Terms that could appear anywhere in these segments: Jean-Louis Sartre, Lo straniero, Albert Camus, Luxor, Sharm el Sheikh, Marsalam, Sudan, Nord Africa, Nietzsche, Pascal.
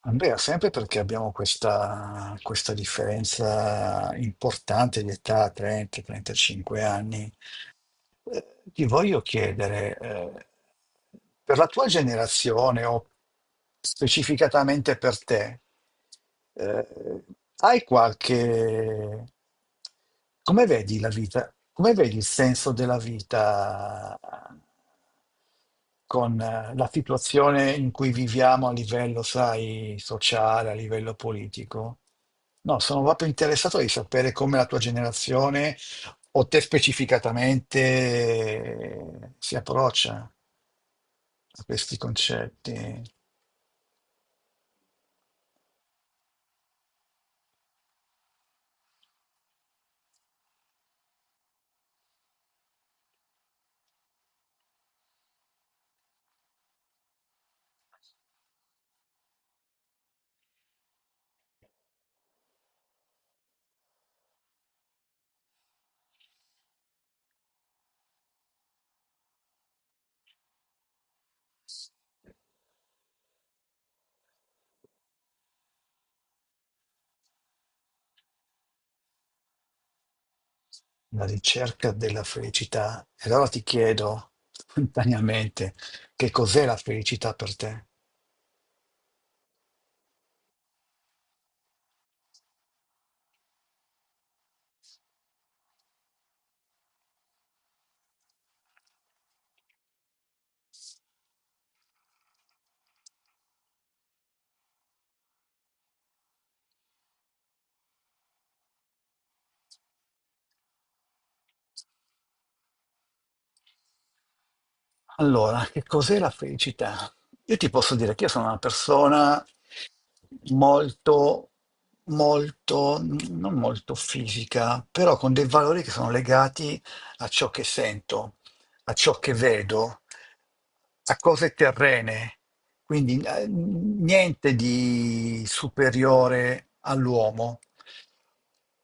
Andrea, sempre perché abbiamo questa differenza importante di età, 30-35 anni, ti voglio chiedere, per la tua generazione o specificatamente per te, eh, hai qualche... Come vedi la vita? Come vedi il senso della vita con la situazione in cui viviamo a livello, sai, sociale, a livello politico. No, sono proprio interessato di sapere come la tua generazione o te specificatamente si approccia a questi concetti, la ricerca della felicità. E allora ti chiedo spontaneamente che cos'è la felicità per te? Allora, che cos'è la felicità? Io ti posso dire che io sono una persona molto, molto, non molto fisica, però con dei valori che sono legati a ciò che sento, a ciò che vedo, a cose terrene. Quindi niente di superiore all'uomo.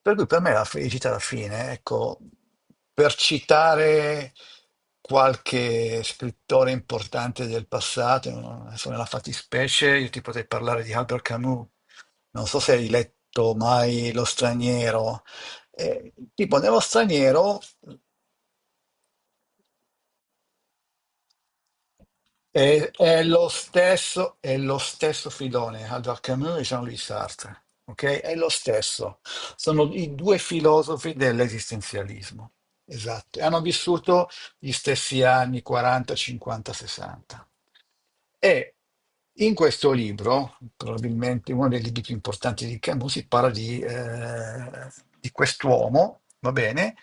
Per cui per me la felicità alla fine, ecco, per citare qualche scrittore importante del passato, adesso nella fattispecie io ti potrei parlare di Albert Camus, non so se hai letto mai Lo straniero. Tipo, nello straniero. È lo stesso, è lo stesso filone, Albert Camus e Jean-Louis Sartre, ok? È lo stesso. Sono i due filosofi dell'esistenzialismo. Esatto. E hanno vissuto gli stessi anni 40, 50, 60. E in questo libro, probabilmente uno dei libri più importanti di Camus, si parla di quest'uomo, va bene,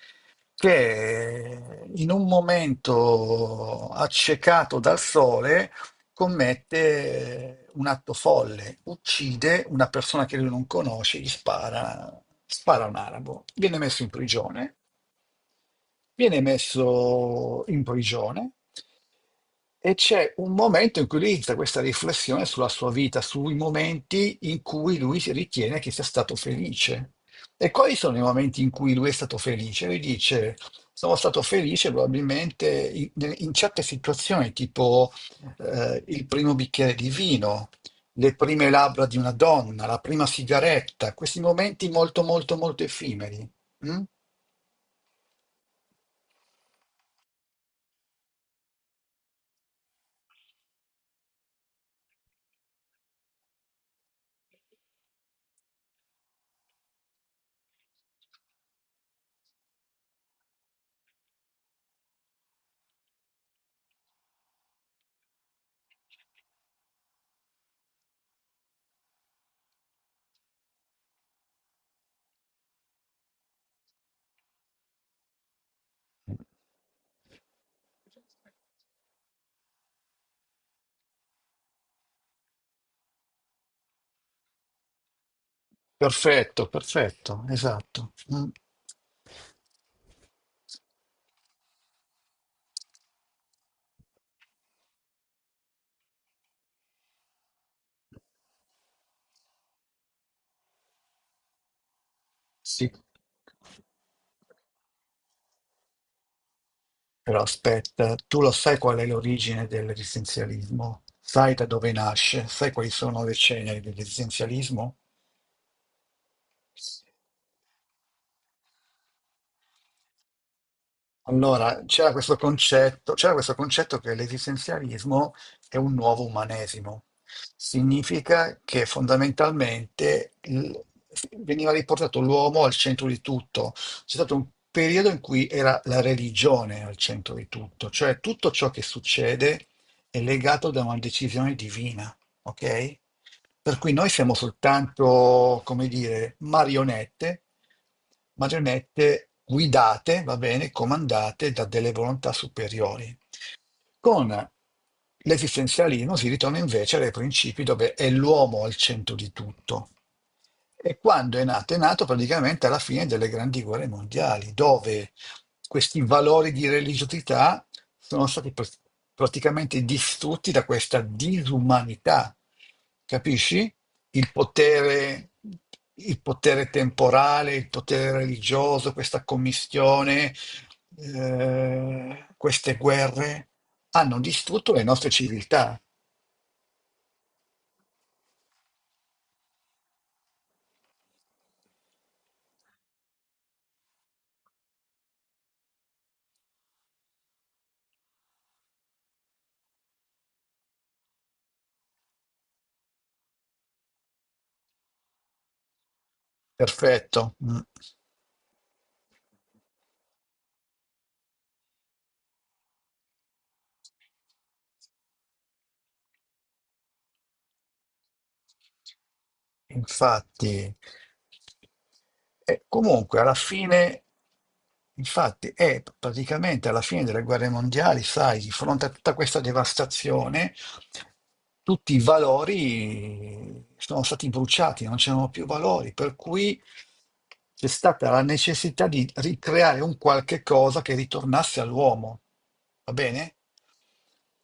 che in un momento accecato dal sole commette un atto folle, uccide una persona che lui non conosce, gli spara, spara a un arabo, viene messo in prigione e c'è un momento in cui lui inizia questa riflessione sulla sua vita, sui momenti in cui lui si ritiene che sia stato felice. E quali sono i momenti in cui lui è stato felice? Lui dice, sono stato felice probabilmente in certe situazioni, tipo il primo bicchiere di vino, le prime labbra di una donna, la prima sigaretta, questi momenti molto, molto, molto effimeri. Mm? Perfetto, perfetto, esatto. Mm. Sì, però aspetta, tu lo sai qual è l'origine dell'esistenzialismo? Sai da dove nasce? Sai quali sono le ceneri dell'esistenzialismo? Allora, c'era questo concetto che l'esistenzialismo è un nuovo umanesimo. Significa che fondamentalmente veniva riportato l'uomo al centro di tutto. C'è stato un periodo in cui era la religione al centro di tutto, cioè tutto ciò che succede è legato da una decisione divina, ok? Per cui noi siamo soltanto, come dire, marionette, marionette guidate, va bene, comandate da delle volontà superiori. Con l'esistenzialismo si ritorna invece ai principi dove è l'uomo al centro di tutto. E quando è nato? È nato praticamente alla fine delle grandi guerre mondiali, dove questi valori di religiosità sono stati praticamente distrutti da questa disumanità. Capisci? Il potere, il potere temporale, il potere religioso, questa commistione, queste guerre hanno distrutto le nostre civiltà. Perfetto. Mm. Infatti, e comunque alla fine, infatti, è praticamente alla fine delle guerre mondiali, sai, di fronte a tutta questa devastazione, tutti i valori sono stati bruciati, non c'erano più valori, per cui c'è stata la necessità di ricreare un qualche cosa che ritornasse all'uomo, va bene?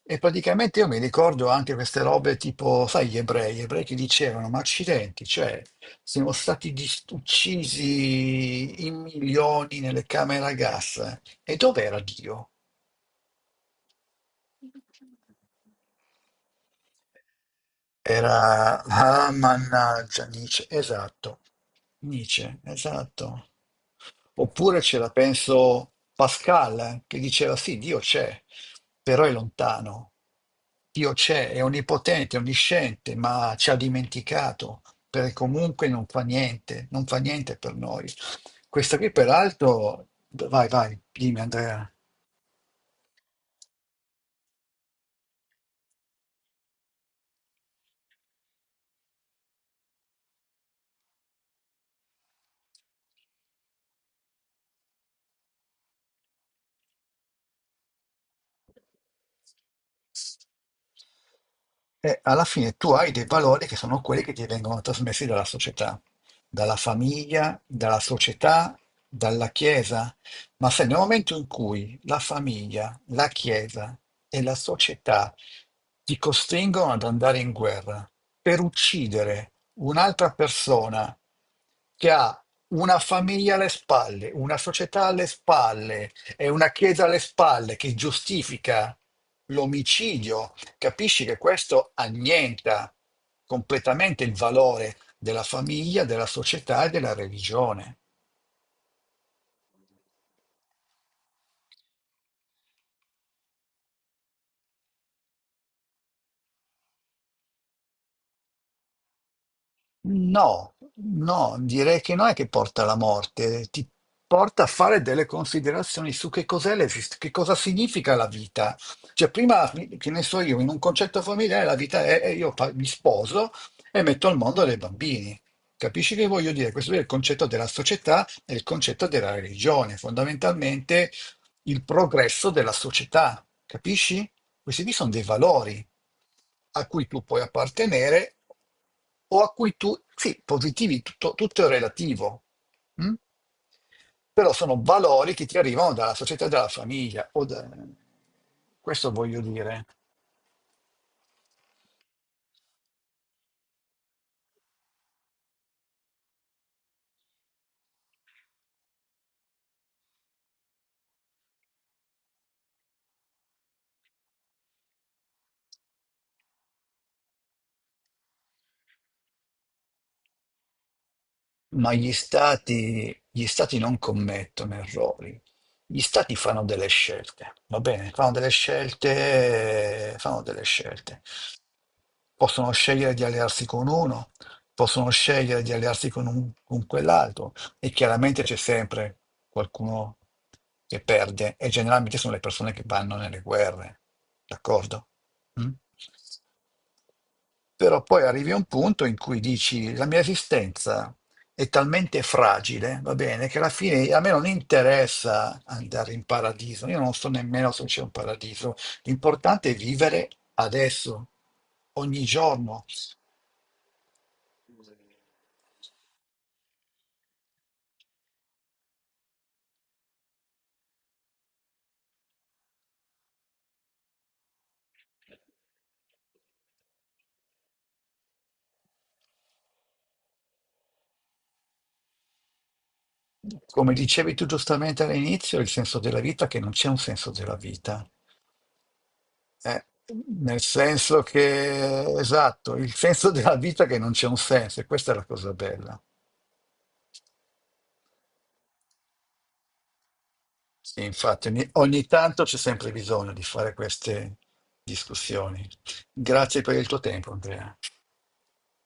E praticamente io mi ricordo anche queste robe tipo, sai, gli ebrei che dicevano, ma accidenti, cioè, siamo stati uccisi in milioni nelle camere a gas, eh? E dov'era Dio? Era, ah, mannaggia, Nietzsche, esatto, Nietzsche, esatto. Oppure c'era, penso, Pascal, che diceva sì, Dio c'è, però è lontano. Dio c'è, è onnipotente, onnisciente, ma ci ha dimenticato, perché comunque non fa niente, non fa niente per noi. Questa qui, peraltro, vai, vai, dimmi Andrea. E alla fine tu hai dei valori che sono quelli che ti vengono trasmessi dalla società, dalla famiglia, dalla società, dalla Chiesa. Ma se nel momento in cui la famiglia, la Chiesa e la società ti costringono ad andare in guerra per uccidere un'altra persona che ha una famiglia alle spalle, una società alle spalle e una Chiesa alle spalle che giustifica l'omicidio, capisci che questo annienta completamente il valore della famiglia, della società e della religione. No, no, direi che non è che porta alla morte, ti porta a fare delle considerazioni su che cos'è che cosa significa la vita. Cioè, prima, che ne so io, in un concetto familiare la vita è mi sposo e metto al mondo dei bambini. Capisci che voglio dire? Questo è il concetto della società e il concetto della religione, fondamentalmente il progresso della società, capisci? Questi qui sono dei valori a cui tu puoi appartenere o a cui tu, sì, positivi, tutto, tutto è relativo, mm? Però sono valori che ti arrivano dalla società, dalla famiglia, questo voglio dire. Ma gli stati non commettono errori, gli stati fanno delle scelte, va bene? Fanno delle scelte, fanno delle scelte. Possono scegliere di allearsi con uno, possono scegliere di allearsi con quell'altro e chiaramente c'è sempre qualcuno che perde e generalmente sono le persone che vanno nelle guerre, d'accordo? Mm? Però poi arrivi a un punto in cui dici la mia esistenza è talmente fragile, va bene, che alla fine a me non interessa andare in paradiso, io non so nemmeno se c'è un paradiso, l'importante è vivere adesso, ogni giorno. Come dicevi tu giustamente all'inizio, il senso della vita è che non c'è un senso della vita. Eh, nel senso che, esatto, il senso della vita è che non c'è un senso, e questa è la cosa bella. Sì, infatti, ogni tanto c'è sempre bisogno di fare queste discussioni. Grazie per il tuo tempo, Andrea.